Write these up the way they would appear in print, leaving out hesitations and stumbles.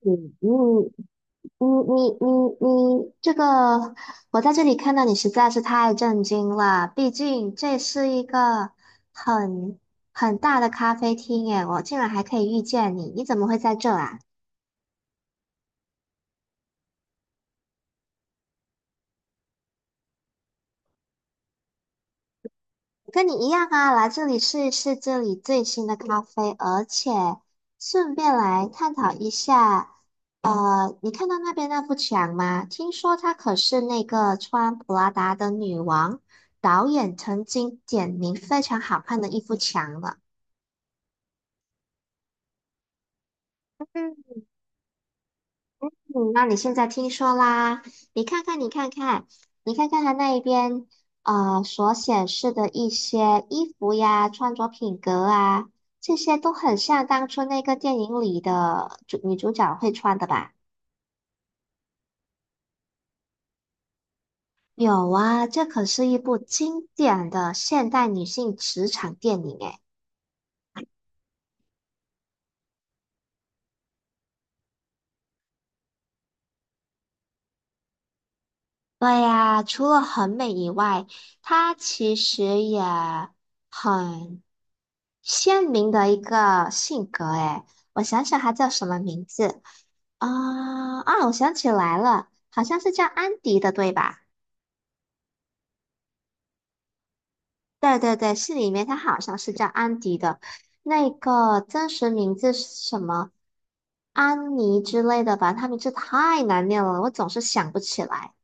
你你你你你你，这个我在这里看到你实在是太震惊了。毕竟这是一个很很大的咖啡厅，耶，我竟然还可以遇见你，你怎么会在这啊？跟你一样啊，来这里试一试这里最新的咖啡，而且顺便来探讨一下，你看到那边那幅墙吗？听说她可是那个穿普拉达的女王，导演曾经点名非常好看的一幅墙了。嗯，那你现在听说啦？你看看，你看看，你看看他那一边，所显示的一些衣服呀、穿着品格啊，这些都很像当初那个电影里的主女主角会穿的吧？有啊，这可是一部经典的现代女性职场电影诶。对呀，除了很美以外，它其实也很鲜明的一个性格，哎，我想想他叫什么名字啊？啊，我想起来了，好像是叫安迪的，对吧？对对对，是里面他好像是叫安迪的，那个真实名字是什么？安妮之类的吧，他名字太难念了，我总是想不起来。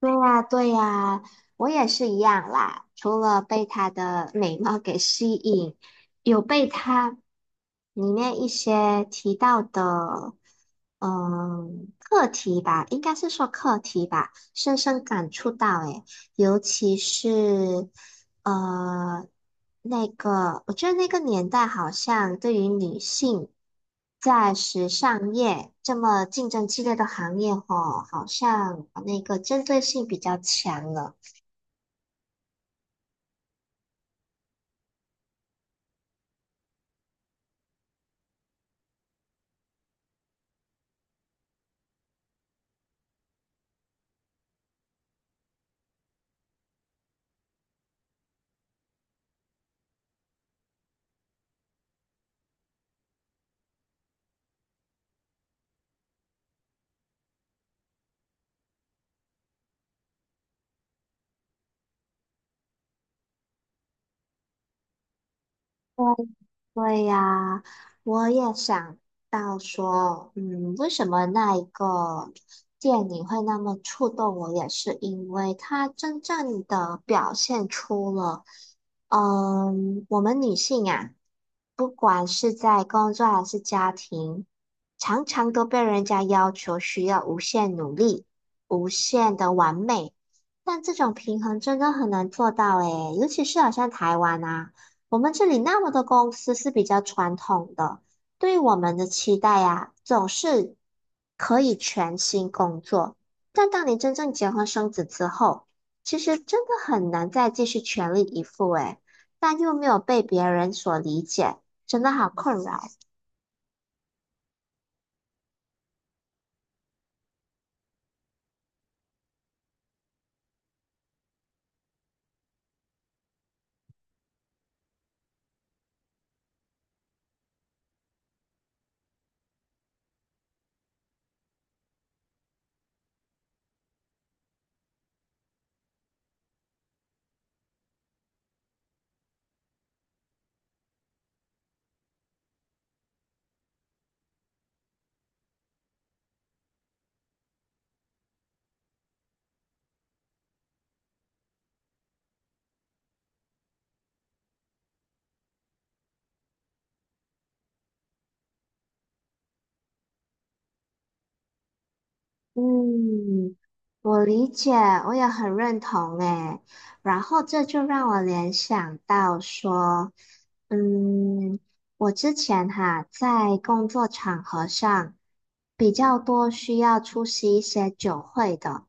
对呀，对呀，我也是一样啦。除了被她的美貌给吸引，有被她里面一些提到的，嗯，课题吧，应该是说课题吧，深深感触到。诶，尤其是呃我觉得那个年代好像对于女性在时尚业这么竞争激烈的行业，吼，好像那个针对性比较强了。对呀，我也想到说，嗯，为什么那一个电影会那么触动我，也是因为它真正的表现出了，嗯，我们女性啊，不管是在工作还是家庭，常常都被人家要求需要无限努力、无限的完美，但这种平衡真的很难做到诶，尤其是好像台湾啊。我们这里那么多公司是比较传统的，对于我们的期待呀，总是可以全心工作。但当你真正结婚生子之后，其实真的很难再继续全力以赴诶，但又没有被别人所理解，真的好困扰。嗯，我理解，我也很认同诶。然后这就让我联想到说，嗯，我之前哈在工作场合上比较多需要出席一些酒会的，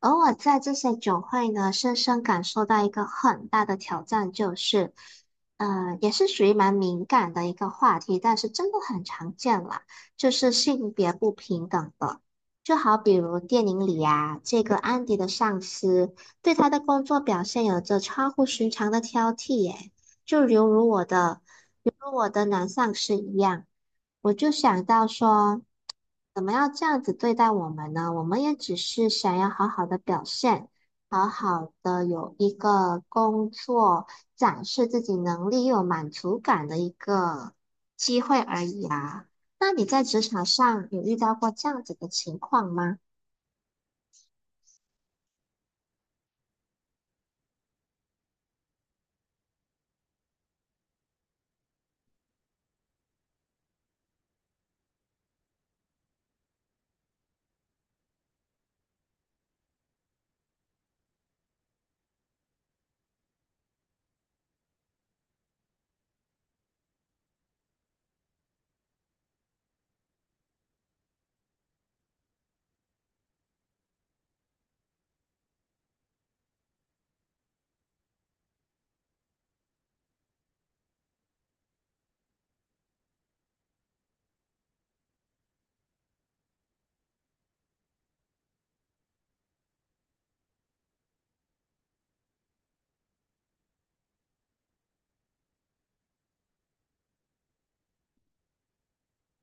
而我在这些酒会呢，深深感受到一个很大的挑战，就是，也是属于蛮敏感的一个话题，但是真的很常见啦，就是性别不平等的。就好比如电影里呀、这个安迪的上司对他的工作表现有着超乎寻常的挑剔耶，就犹如我的，犹如我的男上司一样，我就想到说。怎么要这样子对待我们呢？我们也只是想要好好的表现，好好的有一个工作，展示自己能力又有满足感的一个机会而已啊。那你在职场上有遇到过这样子的情况吗？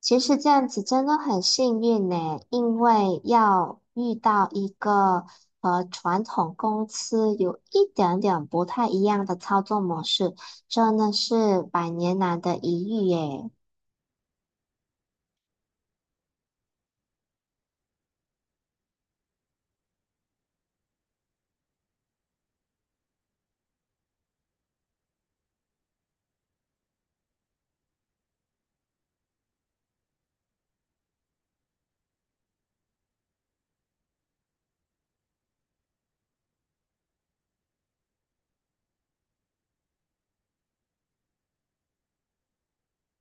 其实这样子真的很幸运呢，因为要遇到一个和传统公司有一点点不太一样的操作模式，真的是百年难得一遇耶。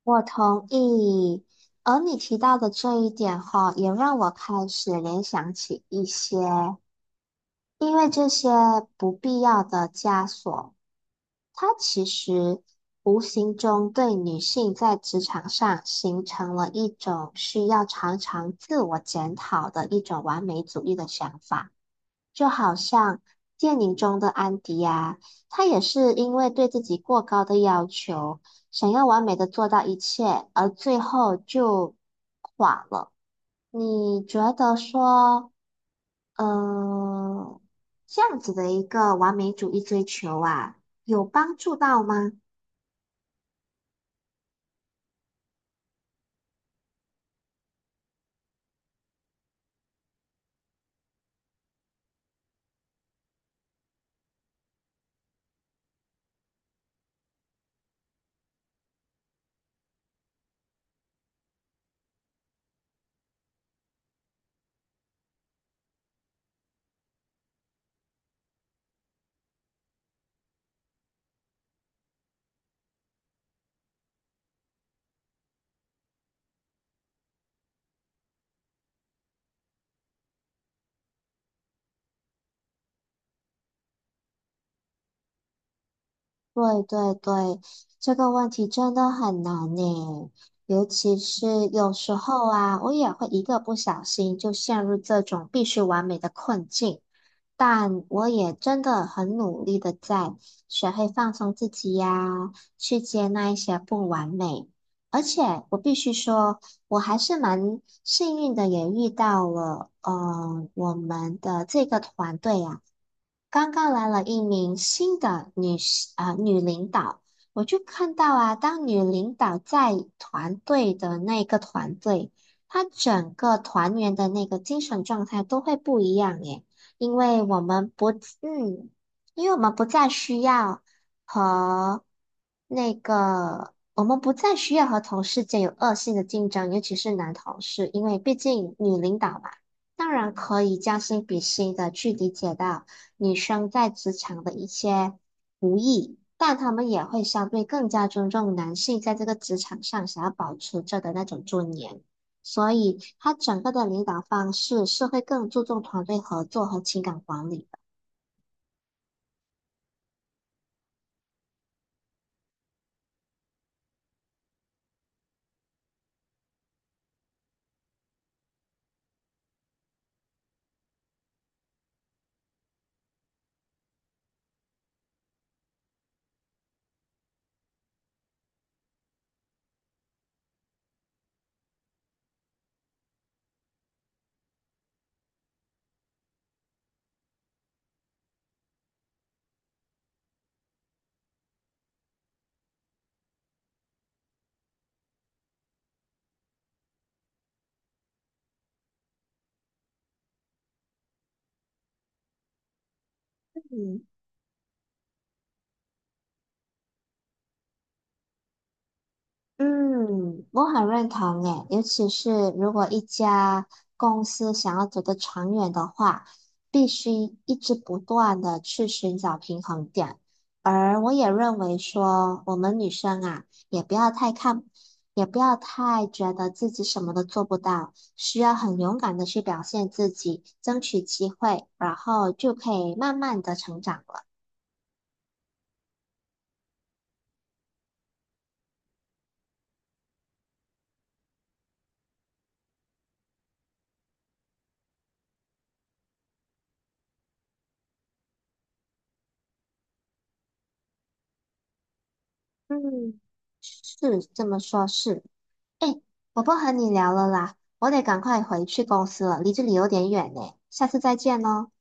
我同意，而你提到的这一点哈，也让我开始联想起一些，因为这些不必要的枷锁。它其实无形中对女性在职场上形成了一种需要常常自我检讨的一种完美主义的想法，就好像电影中的安迪啊，她也是因为对自己过高的要求，想要完美的做到一切，而最后就垮了。你觉得说，嗯、这样子的一个完美主义追求啊，有帮助到吗？对对对，这个问题真的很难呢，尤其是有时候啊，我也会一个不小心就陷入这种必须完美的困境，但我也真的很努力的在学会放松自己呀，去接纳一些不完美，而且我必须说，我还是蛮幸运的，也遇到了我们的这个团队呀。刚刚来了一名新的女士啊、女领导，我就看到啊，当女领导在团队的那个团队，她整个团员的那个精神状态都会不一样耶，因为我们不，嗯，因为我们不再需要和那个，我们不再需要和同事间有恶性的竞争，尤其是男同事，因为毕竟女领导嘛，当然可以将心比心的去理解到。女生在职场的一些不易，但他们也会相对更加尊重男性在这个职场上想要保持着的那种尊严。所以，他整个的领导方式是会更注重团队合作和情感管理的。嗯，嗯，我很认同诶，尤其是如果一家公司想要走得长远的话，必须一直不断的去寻找平衡点。而我也认为说，我们女生啊，也不要太看，也不要太觉得自己什么都做不到，需要很勇敢的去表现自己，争取机会，然后就可以慢慢的成长了。嗯，是这么说，是。哎，我不和你聊了啦，我得赶快回去公司了，离这里有点远呢，下次再见喽。